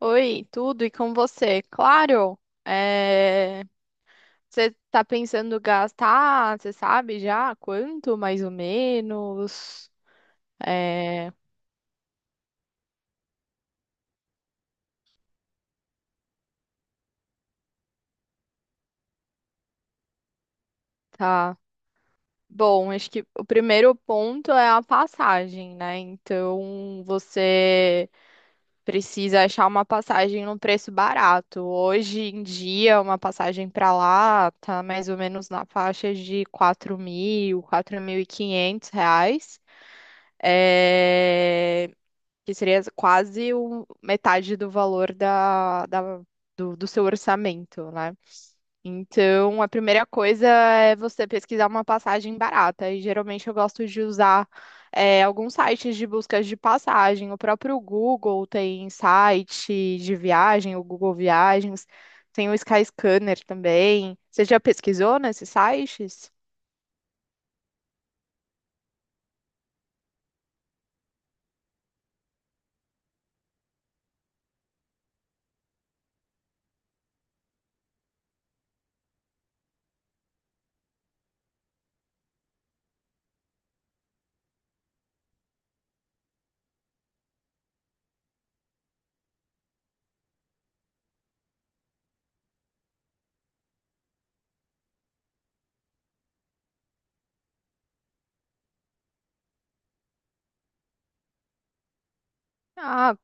Oi, tudo e com você? Claro, é, você tá pensando gastar, você sabe já quanto, mais ou menos? É, tá. Bom, acho que o primeiro ponto é a passagem, né? Então, você precisa achar uma passagem num preço barato. Hoje em dia, uma passagem para lá tá mais ou menos na faixa de 4.000, R$ 4.500. É, Que seria quase metade do valor do seu orçamento, né? Então, a primeira coisa é você pesquisar uma passagem barata. E geralmente eu gosto de usar alguns sites de buscas de passagem. O próprio Google tem site de viagem, o Google Viagens, tem o Skyscanner também. Você já pesquisou nesses sites? Ah,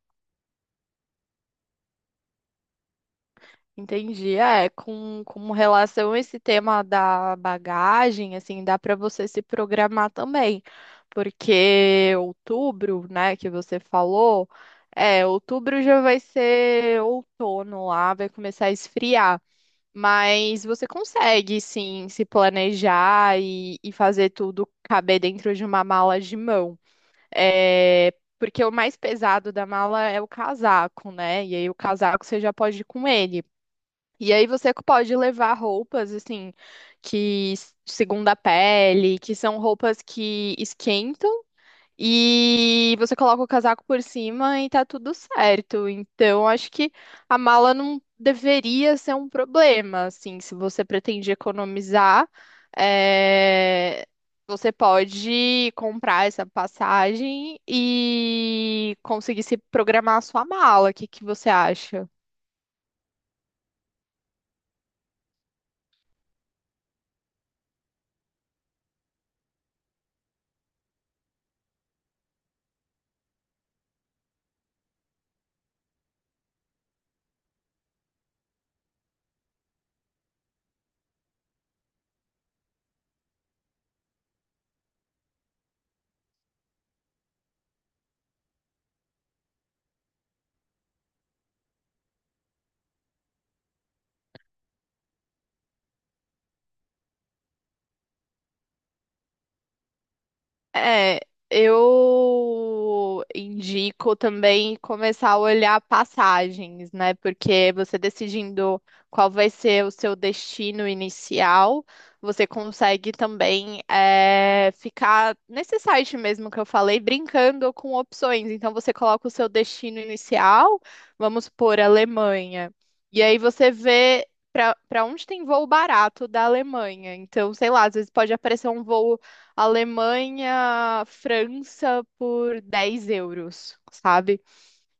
entendi. É, com relação a esse tema da bagagem, assim, dá para você se programar também, porque outubro, né, que você falou, outubro já vai ser outono lá, vai começar a esfriar, mas você consegue, sim, se planejar e fazer tudo caber dentro de uma mala de mão. É, porque o mais pesado da mala é o casaco, né? E aí o casaco você já pode ir com ele. E aí você pode levar roupas assim que segunda a pele, que são roupas que esquentam e você coloca o casaco por cima e tá tudo certo. Então acho que a mala não deveria ser um problema, assim, se você pretende economizar, é, você pode comprar essa passagem e conseguir se programar a sua mala. O que que você acha? É, eu indico também começar a olhar passagens, né? Porque você decidindo qual vai ser o seu destino inicial, você consegue também ficar nesse site mesmo que eu falei, brincando com opções. Então você coloca o seu destino inicial, vamos por Alemanha. E aí você vê para onde tem voo barato da Alemanha. Então, sei lá, às vezes pode aparecer um voo Alemanha, França por € 10, sabe?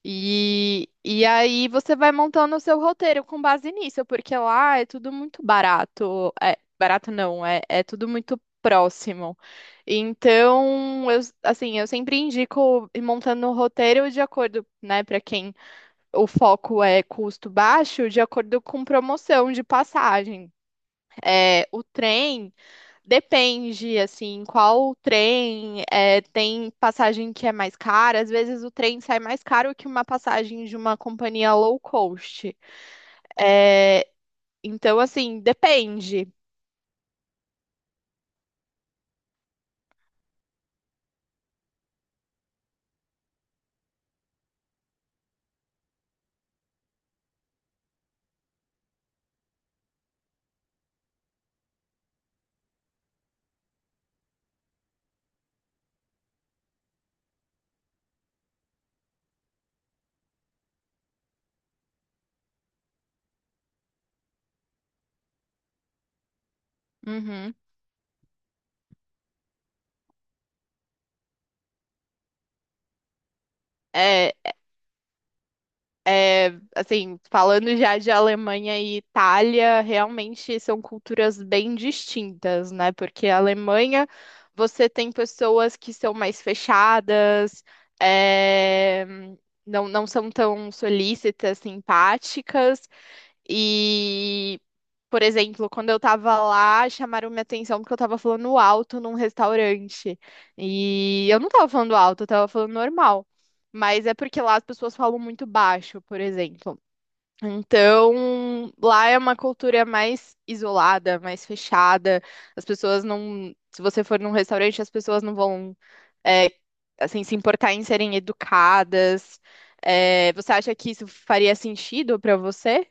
E aí você vai montando o seu roteiro com base nisso, porque lá é tudo muito barato. É, barato não, é tudo muito próximo. Então, eu, assim, eu sempre indico ir montando o roteiro de acordo, né, para quem o foco é custo baixo, de acordo com promoção de passagem. É, o trem. Depende, assim, qual trem, tem passagem que é mais cara, às vezes o trem sai mais caro que uma passagem de uma companhia low cost. Então, assim, depende. Uhum. É, assim, falando já de Alemanha e Itália, realmente são culturas bem distintas, né? Porque a Alemanha, você tem pessoas que são mais fechadas, é, não, não são tão solícitas, simpáticas. E, por exemplo, quando eu tava lá, chamaram minha atenção porque eu tava falando alto num restaurante. E eu não tava falando alto, eu tava falando normal. Mas é porque lá as pessoas falam muito baixo, por exemplo. Então, lá é uma cultura mais isolada, mais fechada. As pessoas não. Se você for num restaurante, as pessoas não vão, é, assim, se importar em serem educadas. É, você acha que isso faria sentido pra você?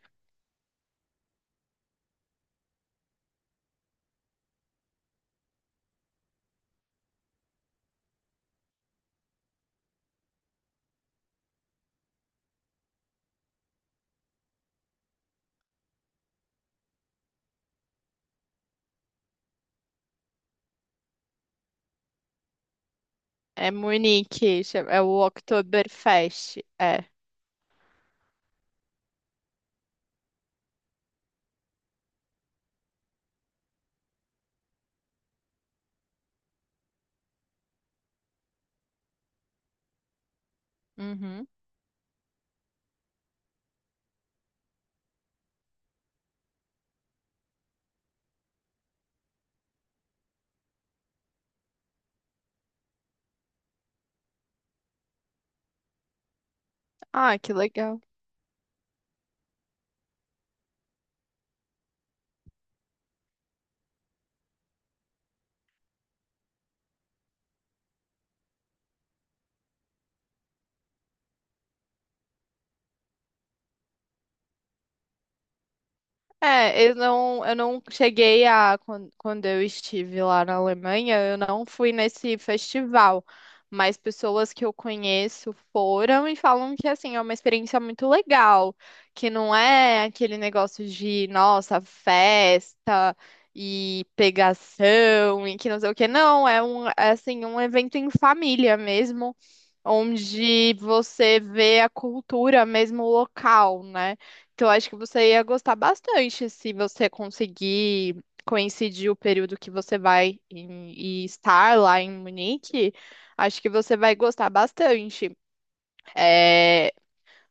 É Munique, é o Oktoberfest. É. Uhum. Ah, que legal. É, eu não cheguei a, quando eu estive lá na Alemanha, eu não fui nesse festival, mas pessoas que eu conheço foram e falam que, assim, é uma experiência muito legal, que não é aquele negócio de, nossa, festa e pegação e que não sei o que, não, é um, é, assim, um evento em família mesmo, onde você vê a cultura mesmo local, né? Então, acho que você ia gostar bastante se você conseguir coincidir o período que você vai e estar lá em Munique. Acho que você vai gostar bastante. É,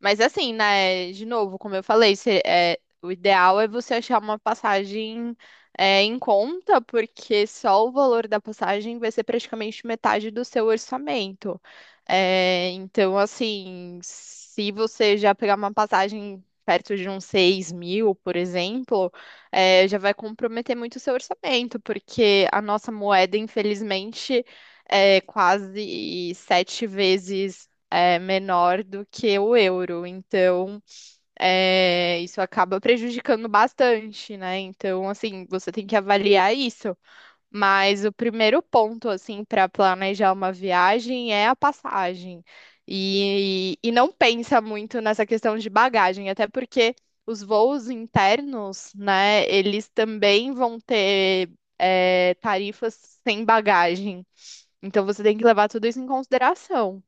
mas assim, né, de novo, como eu falei, é, o ideal é você achar uma passagem em conta, porque só o valor da passagem vai ser praticamente metade do seu orçamento. É, então, assim, se você já pegar uma passagem perto de uns 6.000, por exemplo, já vai comprometer muito o seu orçamento, porque a nossa moeda, infelizmente, é quase 7 vezes menor do que o euro. Então, isso acaba prejudicando bastante, né? Então, assim, você tem que avaliar isso. Mas o primeiro ponto, assim, para planejar uma viagem é a passagem. E não pensa muito nessa questão de bagagem, até porque os voos internos, né, eles também vão ter, tarifas sem bagagem. Então você tem que levar tudo isso em consideração.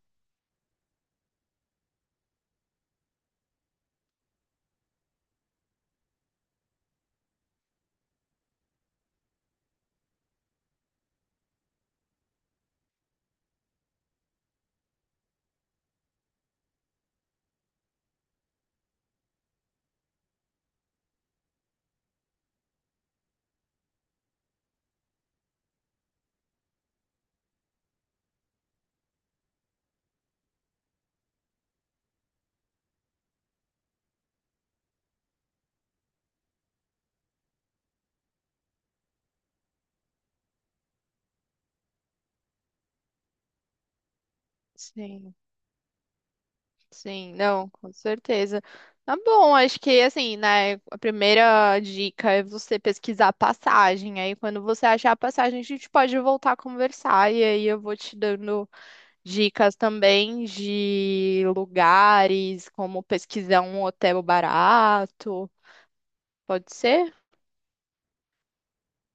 Sim. Sim, não, com certeza. Tá bom, acho que assim, né, a primeira dica é você pesquisar a passagem. Aí quando você achar a passagem, a gente pode voltar a conversar e aí eu vou te dando dicas também de lugares, como pesquisar um hotel barato. Pode ser?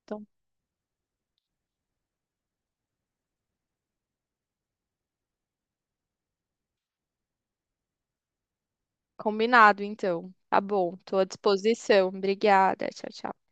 Então, combinado então. Tá bom, tô à disposição. Obrigada. Tchau, tchau.